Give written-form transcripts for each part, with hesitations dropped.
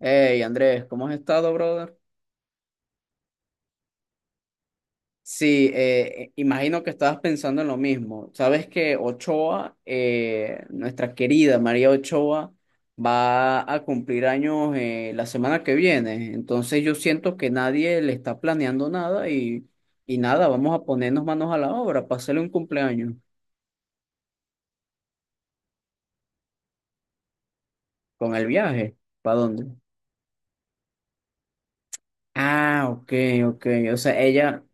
Hey Andrés, ¿cómo has estado, brother? Sí, imagino que estabas pensando en lo mismo. Sabes que Ochoa, nuestra querida María Ochoa, va a cumplir años la semana que viene. Entonces yo siento que nadie le está planeando nada y nada, vamos a ponernos manos a la obra para hacerle un cumpleaños con el viaje. ¿Para dónde? Ah, ok, ok. O sea, ella.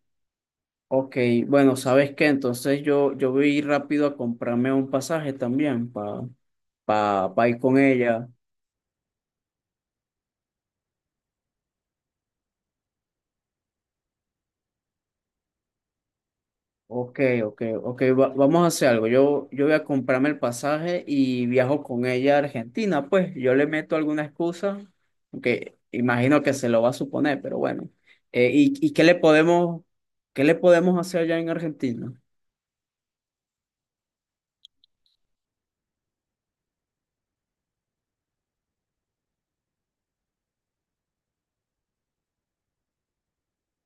Ok, bueno, ¿sabes qué? Entonces yo voy a ir rápido a comprarme un pasaje también para pa, pa pa ir con ella. Ok, ok, ok, vamos a hacer algo. Yo voy a comprarme el pasaje y viajo con ella a Argentina. Pues yo le meto alguna excusa, aunque imagino que se lo va a suponer, pero bueno. ¿Y qué le podemos, hacer allá en Argentina?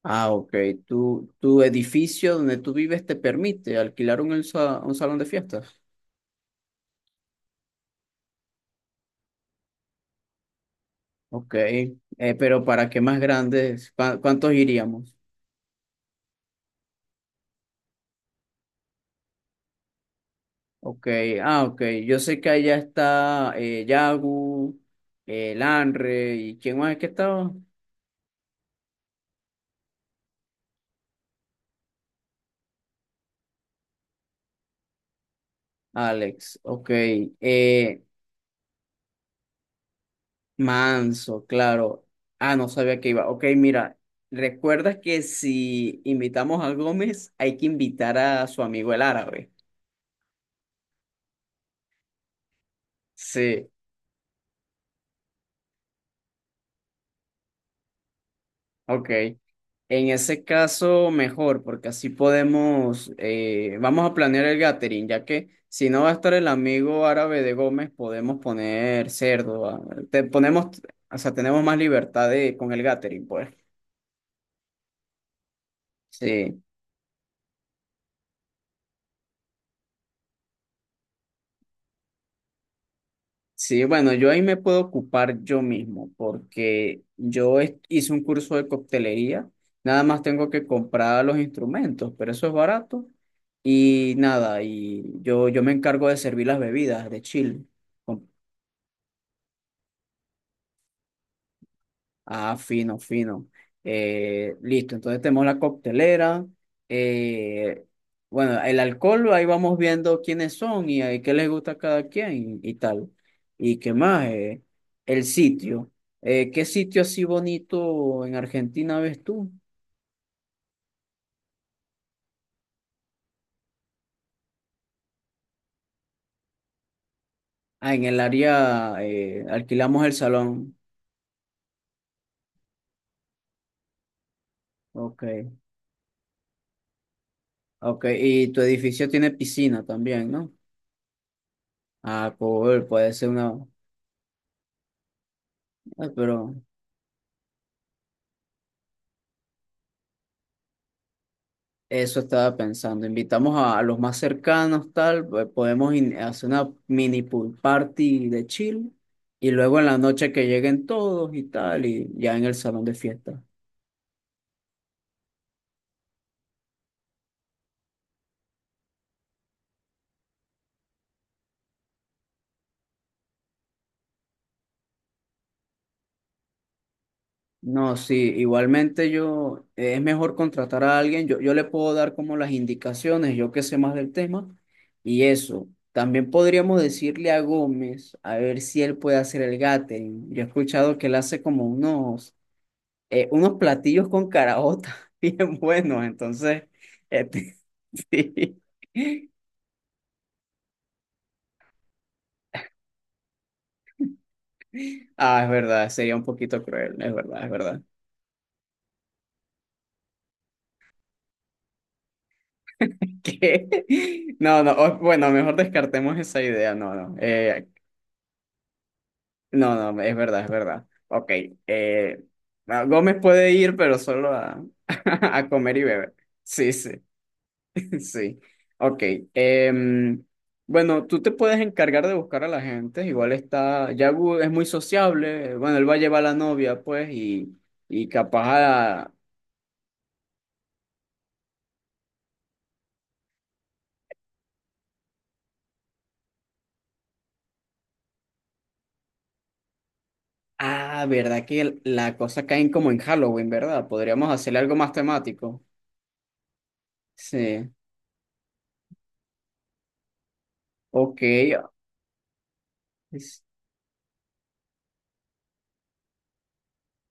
Ah, ok, tu edificio donde tú vives te permite alquilar un salón de fiestas. Ok, pero ¿para qué más grandes? ¿Cuántos iríamos? Ok, ah, ok, yo sé que allá está Yagu, Lanre, ¿y quién más es que estaba? Alex, ok. eh, Manso, claro. Ah, no sabía que iba. Ok, mira, recuerda que si invitamos a Gómez hay que invitar a su amigo el árabe. Sí. Ok, en ese caso mejor, porque así podemos, vamos a planear el gathering, ya que si no va a estar el amigo árabe de Gómez, podemos poner cerdo, ah, te ponemos, o sea, tenemos más libertad de, con el gathering, pues. Sí. Sí, bueno, yo ahí me puedo ocupar yo mismo porque hice un curso de coctelería, nada más tengo que comprar los instrumentos, pero eso es barato y nada, y yo me encargo de servir las bebidas de chill. Ah, fino, fino. Listo, entonces tenemos la coctelera. eh, bueno, el alcohol, ahí vamos viendo quiénes son y, qué les gusta a cada quien y, tal. ¿Y qué más? El sitio. ¿Qué sitio así bonito en Argentina ves tú? Ah, en el área alquilamos el salón. Ok, ok. Y tu edificio tiene piscina también, ¿no? Ah, cool, puede ser una, ah, pero. Eso estaba pensando. Invitamos a los más cercanos, tal, pues, podemos hacer una mini pool party de chill. Y luego en la noche que lleguen todos y tal, y ya en el salón de fiesta. No, sí, igualmente yo, es mejor contratar a alguien, yo le puedo dar como las indicaciones, yo que sé más del tema, y eso. También podríamos decirle a Gómez, a ver si él puede hacer el gathering. Yo he escuchado que él hace como unos platillos con caraota bien buenos, entonces, este, sí. Ah, es verdad, sería un poquito cruel, es verdad, es verdad. ¿Qué? No, no, bueno, mejor descartemos esa idea, no, no, no, no, es verdad, es verdad. Ok, eh, no, Gómez puede ir, pero solo a, a comer y beber. Sí, sí. Sí, ok. Em, bueno, tú te puedes encargar de buscar a la gente, igual está, Yagu es muy sociable, bueno, él va a llevar a la novia, pues, y capaz a... Ah, ¿verdad que la cosa cae como en Halloween? ¿Verdad? Podríamos hacerle algo más temático. Sí, ok. Es-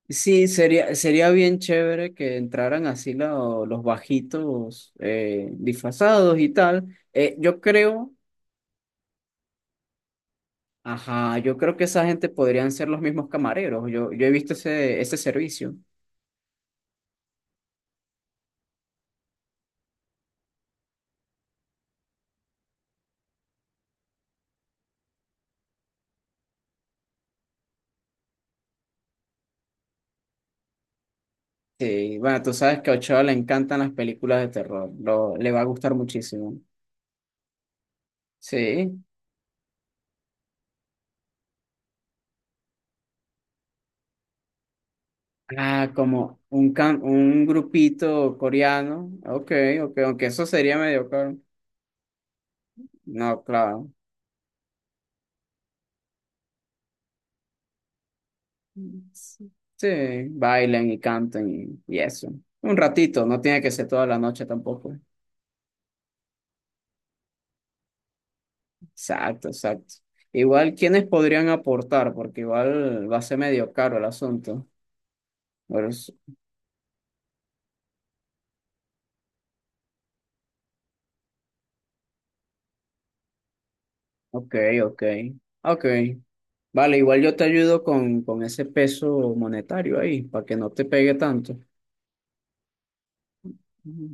Sí, sería bien chévere que entraran así los bajitos disfrazados y tal. Yo creo... Ajá, yo creo que esa gente podrían ser los mismos camareros. Yo he visto ese servicio. Sí, bueno, tú sabes que a Ochoa le encantan las películas de terror. Le va a gustar muchísimo. Sí. Ah, como un grupito coreano. Ok, ok, aunque eso sería medio caro. No, claro. Sí, bailen y canten y eso. Un ratito, no tiene que ser toda la noche tampoco. Exacto, exacto. Igual, ¿quiénes podrían aportar? Porque igual va a ser medio caro el asunto. Pero es- ok, ok, ok. Vale, igual yo te ayudo con ese peso monetario ahí, para que no te pegue tanto. Ujú.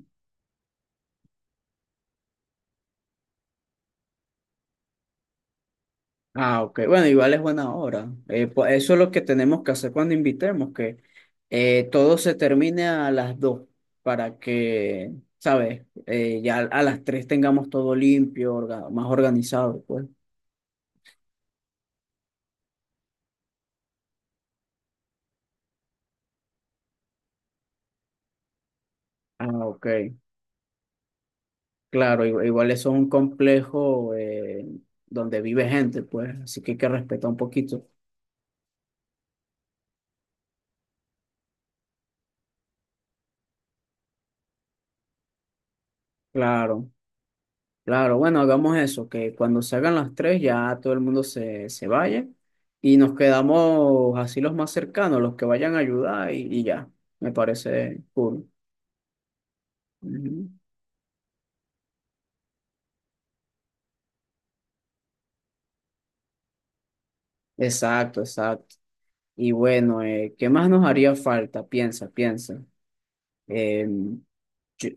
Ah, ok. Bueno, igual es buena hora. Pues eso es lo que tenemos que hacer cuando invitemos, que todo se termine a las 2 para que, ¿sabes? Ya a las 3 tengamos todo limpio, más organizado, pues. Ah, ok. Claro, igual eso es un complejo donde vive gente, pues, así que hay que respetar un poquito. Claro, claro, bueno, hagamos eso, que cuando se hagan las tres ya todo el mundo se vaya y nos quedamos así los más cercanos, los que vayan a ayudar y ya, me parece cool. Ujú. Exacto, exacto. Y bueno, ¿qué más nos haría falta? Piensa, piensa. Em, yo-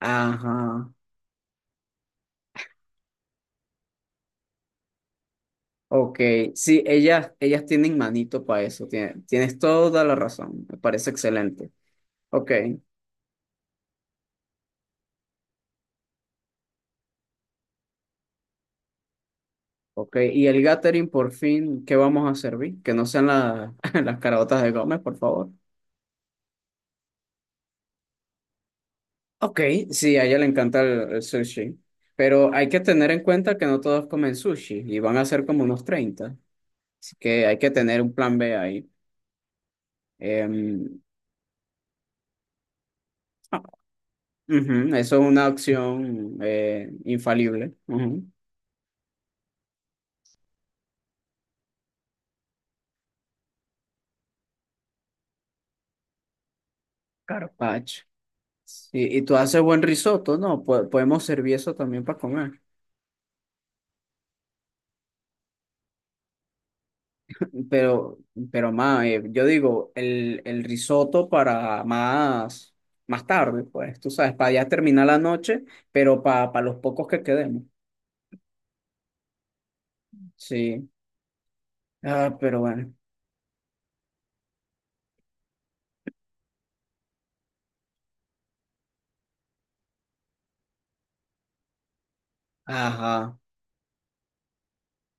ajá. Ok, sí, ellas tienen manito para eso, tienes toda la razón, me parece excelente. Ok, ok, y el gathering por fin, ¿qué vamos a servir? Que no sean las caraotas de Gómez, por favor. Ok, sí, a ella le encanta el sushi, pero hay que tener en cuenta que no todos comen sushi y van a ser como unos 30, así que hay que tener un plan B ahí. Em, ah, ujú, eso es una opción infalible. Ujú. Carpaccio. Y tú haces buen risotto, ¿no? Podemos servir eso también para comer. Pero, pero más, yo digo, el risotto para más, más tarde, pues, tú sabes, para ya terminar la noche, pero para los pocos que quedemos. Sí. Ah, pero bueno. Ajá.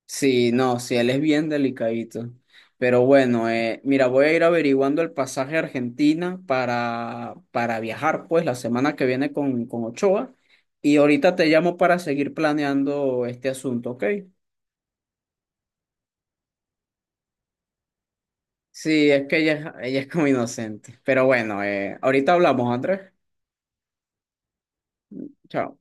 Sí, no, sí, él es bien delicadito. Pero bueno, mira, voy a ir averiguando el pasaje a Argentina para viajar, pues, la semana que viene con Ochoa. Y ahorita te llamo para seguir planeando este asunto, ¿ok? Sí, es que ella, ella es como inocente. Pero bueno, ahorita hablamos, Andrés. Chao.